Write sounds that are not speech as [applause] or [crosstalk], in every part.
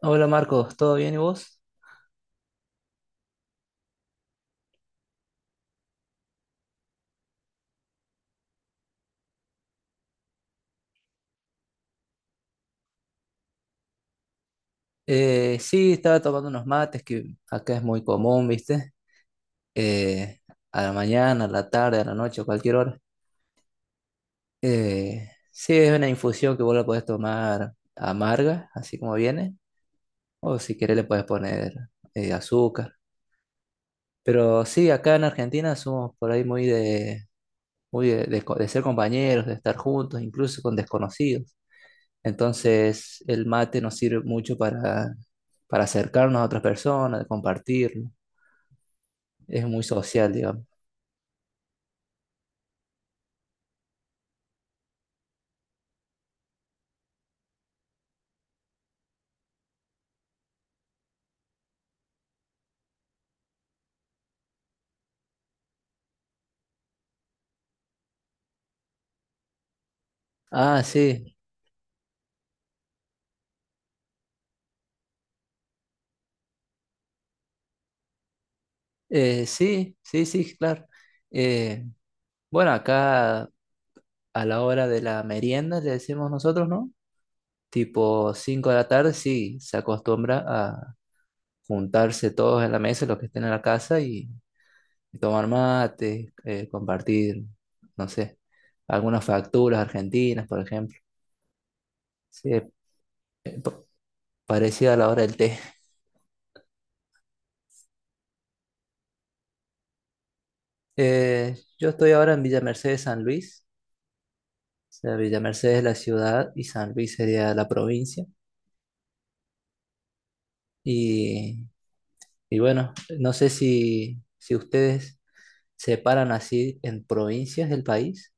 Hola Marcos, ¿todo bien y vos? Sí, estaba tomando unos mates que acá es muy común, ¿viste? Eh, a la mañana, a la tarde, a la noche, a cualquier hora. Sí, es una infusión que vos la podés tomar amarga, así como viene, o si querés le podés poner azúcar. Pero sí, acá en Argentina somos por ahí muy de de ser compañeros, de estar juntos, incluso con desconocidos. Entonces, el mate nos sirve para acercarnos a otras personas, compartir. Es muy social, digamos. Ah, sí, sí, sí, sí, claro. Eh, bueno, acá a la hora de la merienda, le decimos nosotros, ¿no? Tipo 5 de la tarde, sí, se acostumbra a juntarse todos en la mesa, los que estén en la casa, y tomar mate, compartir, no sé, algunas facturas argentinas, por ejemplo. Sí, eh, parecida a la hora del té. Yo estoy ahora en Villa Mercedes, San Luis. O sea, Villa Mercedes es la ciudad y San Luis sería la provincia. Y, y bueno, no sé si, si ustedes separan así en provincias del país.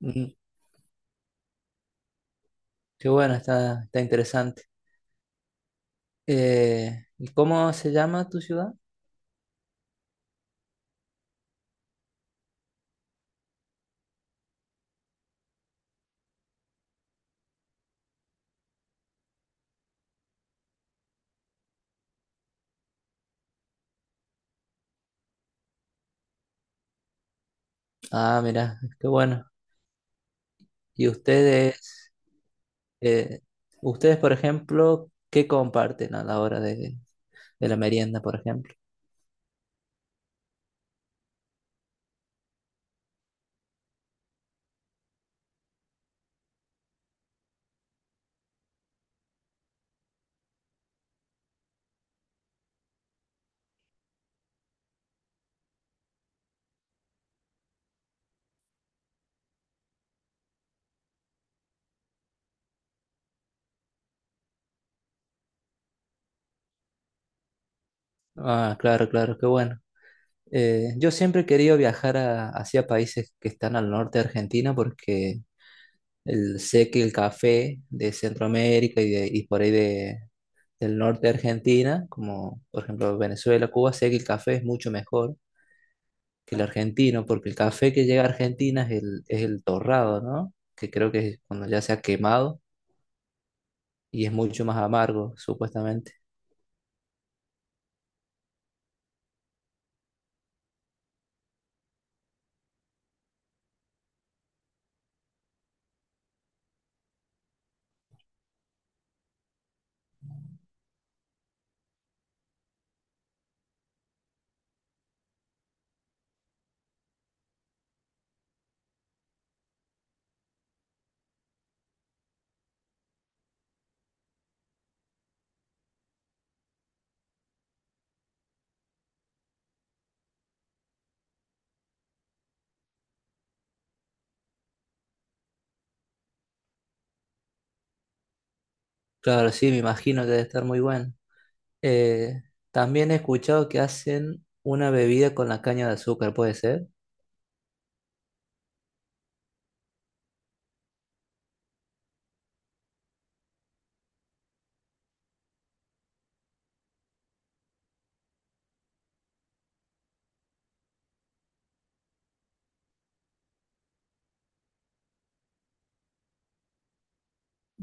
Mm, qué bueno, está, está interesante. ¿Y cómo se llama tu ciudad? Ah, mira, qué bueno. ¿Y eh, ustedes, por ejemplo, ¿qué comparten a la hora de la merienda, por ejemplo? Ah, claro, claro, qué bueno. Yo siempre he querido viajar hacia países que están al norte de Argentina porque el, sé que el café de Centroamérica y, de, y por ahí de, del norte de Argentina, como por ejemplo Venezuela, Cuba, sé que el café es mucho mejor que el argentino porque el café que llega a Argentina es el torrado, ¿no? Que creo que es cuando ya se ha quemado y es mucho más amargo, supuestamente. Claro, sí, me imagino que debe estar muy bueno. Eh, También he escuchado que hacen una bebida con la caña de azúcar, ¿puede ser?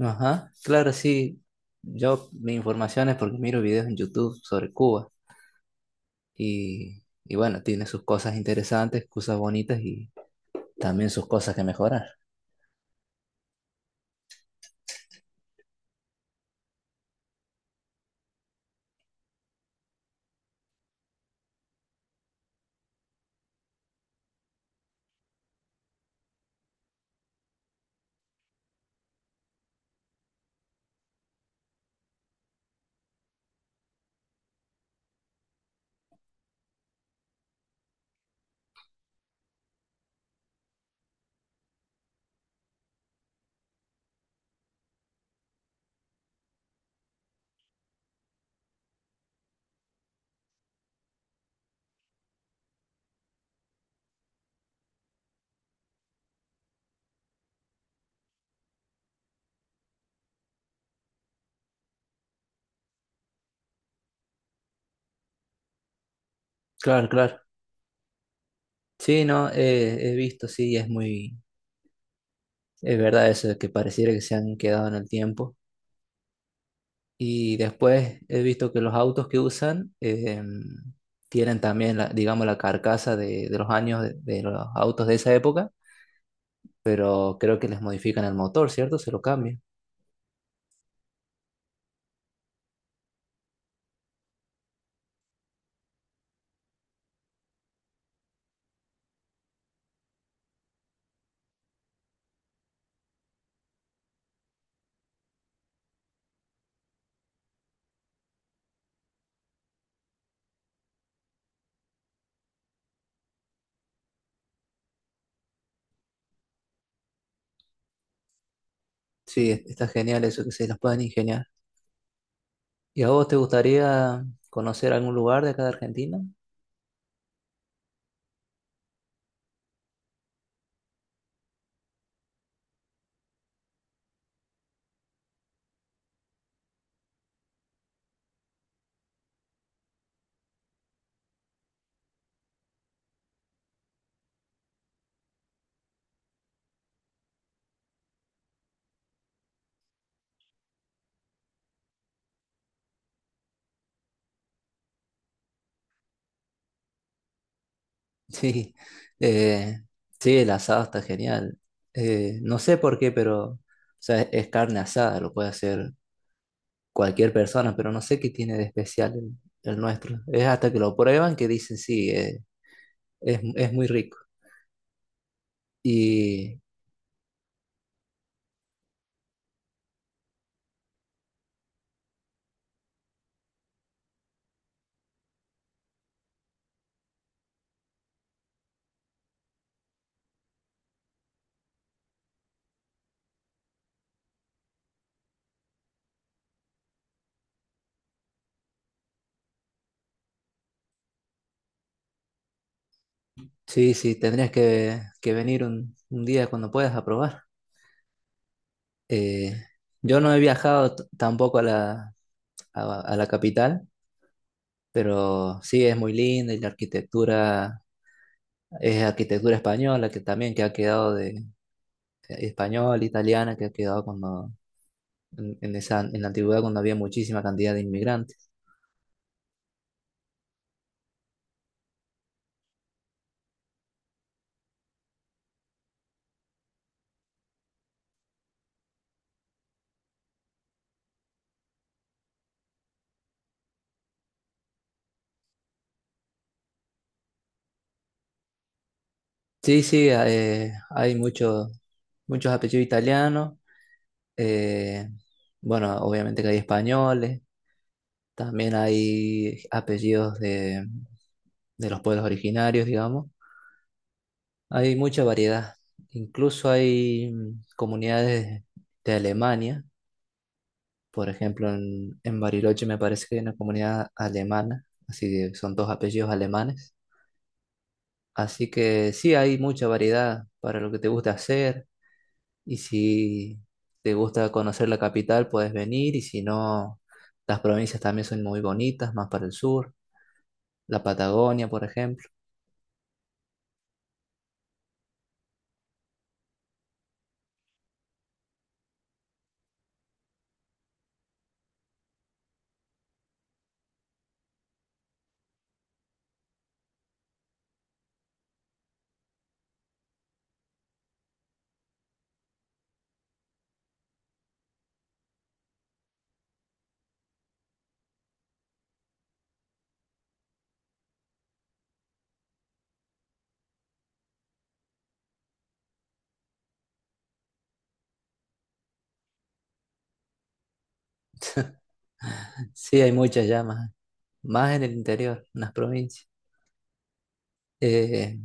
Ajá, claro, sí. Yo, mi información es porque miro videos en YouTube sobre Cuba y bueno, tiene sus cosas interesantes, cosas bonitas y también sus cosas que mejorar. Claro, claro. Sí, no, he visto, sí, es muy, es verdad eso de que pareciera que se han quedado en el tiempo. Y después he visto que los autos que usan tienen también, la, digamos, la carcasa de los años de los autos de esa época, pero creo que les modifican el motor, ¿cierto? Se lo cambian. Sí, está genial eso, que se los puedan ingeniar. ¿Y a vos te gustaría conocer algún lugar de acá de Argentina? [laughs] Sí, eh, sí, el asado está genial. No sé por qué, pero o sea, es carne asada, lo puede hacer cualquier persona, pero no sé qué tiene de especial el nuestro. Es hasta que lo prueban que dicen, sí, es muy rico. Y sí, sí, tendrías que venir un día cuando puedas a probar. Eh, yo no he viajado tampoco a la, a la capital, pero sí es muy linda y la arquitectura es arquitectura española, que también que ha quedado de español, italiana, que ha quedado cuando, en esa, en la antigüedad cuando había muchísima cantidad de inmigrantes. Sí, sí, hay muchos muchos apellidos italianos. eh, bueno, obviamente que hay españoles. También hay apellidos de los pueblos originarios, digamos. Hay mucha variedad. Incluso hay comunidades de Alemania. Por ejemplo, en Bariloche me parece que hay una comunidad alemana. Así que son dos apellidos alemanes. Así que sí, hay mucha variedad para lo que te gusta hacer. Y si te gusta conocer la capital, puedes venir. Y si no, las provincias también son muy bonitas, más para el sur. La Patagonia, por ejemplo. [laughs] Sí, hay muchas llamas, más en el interior, en las provincias. Eh,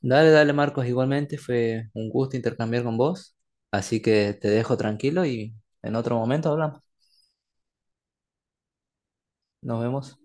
Dale, dale, Marcos, igualmente fue un gusto intercambiar con vos. Así que te dejo tranquilo y en otro momento hablamos. Nos vemos.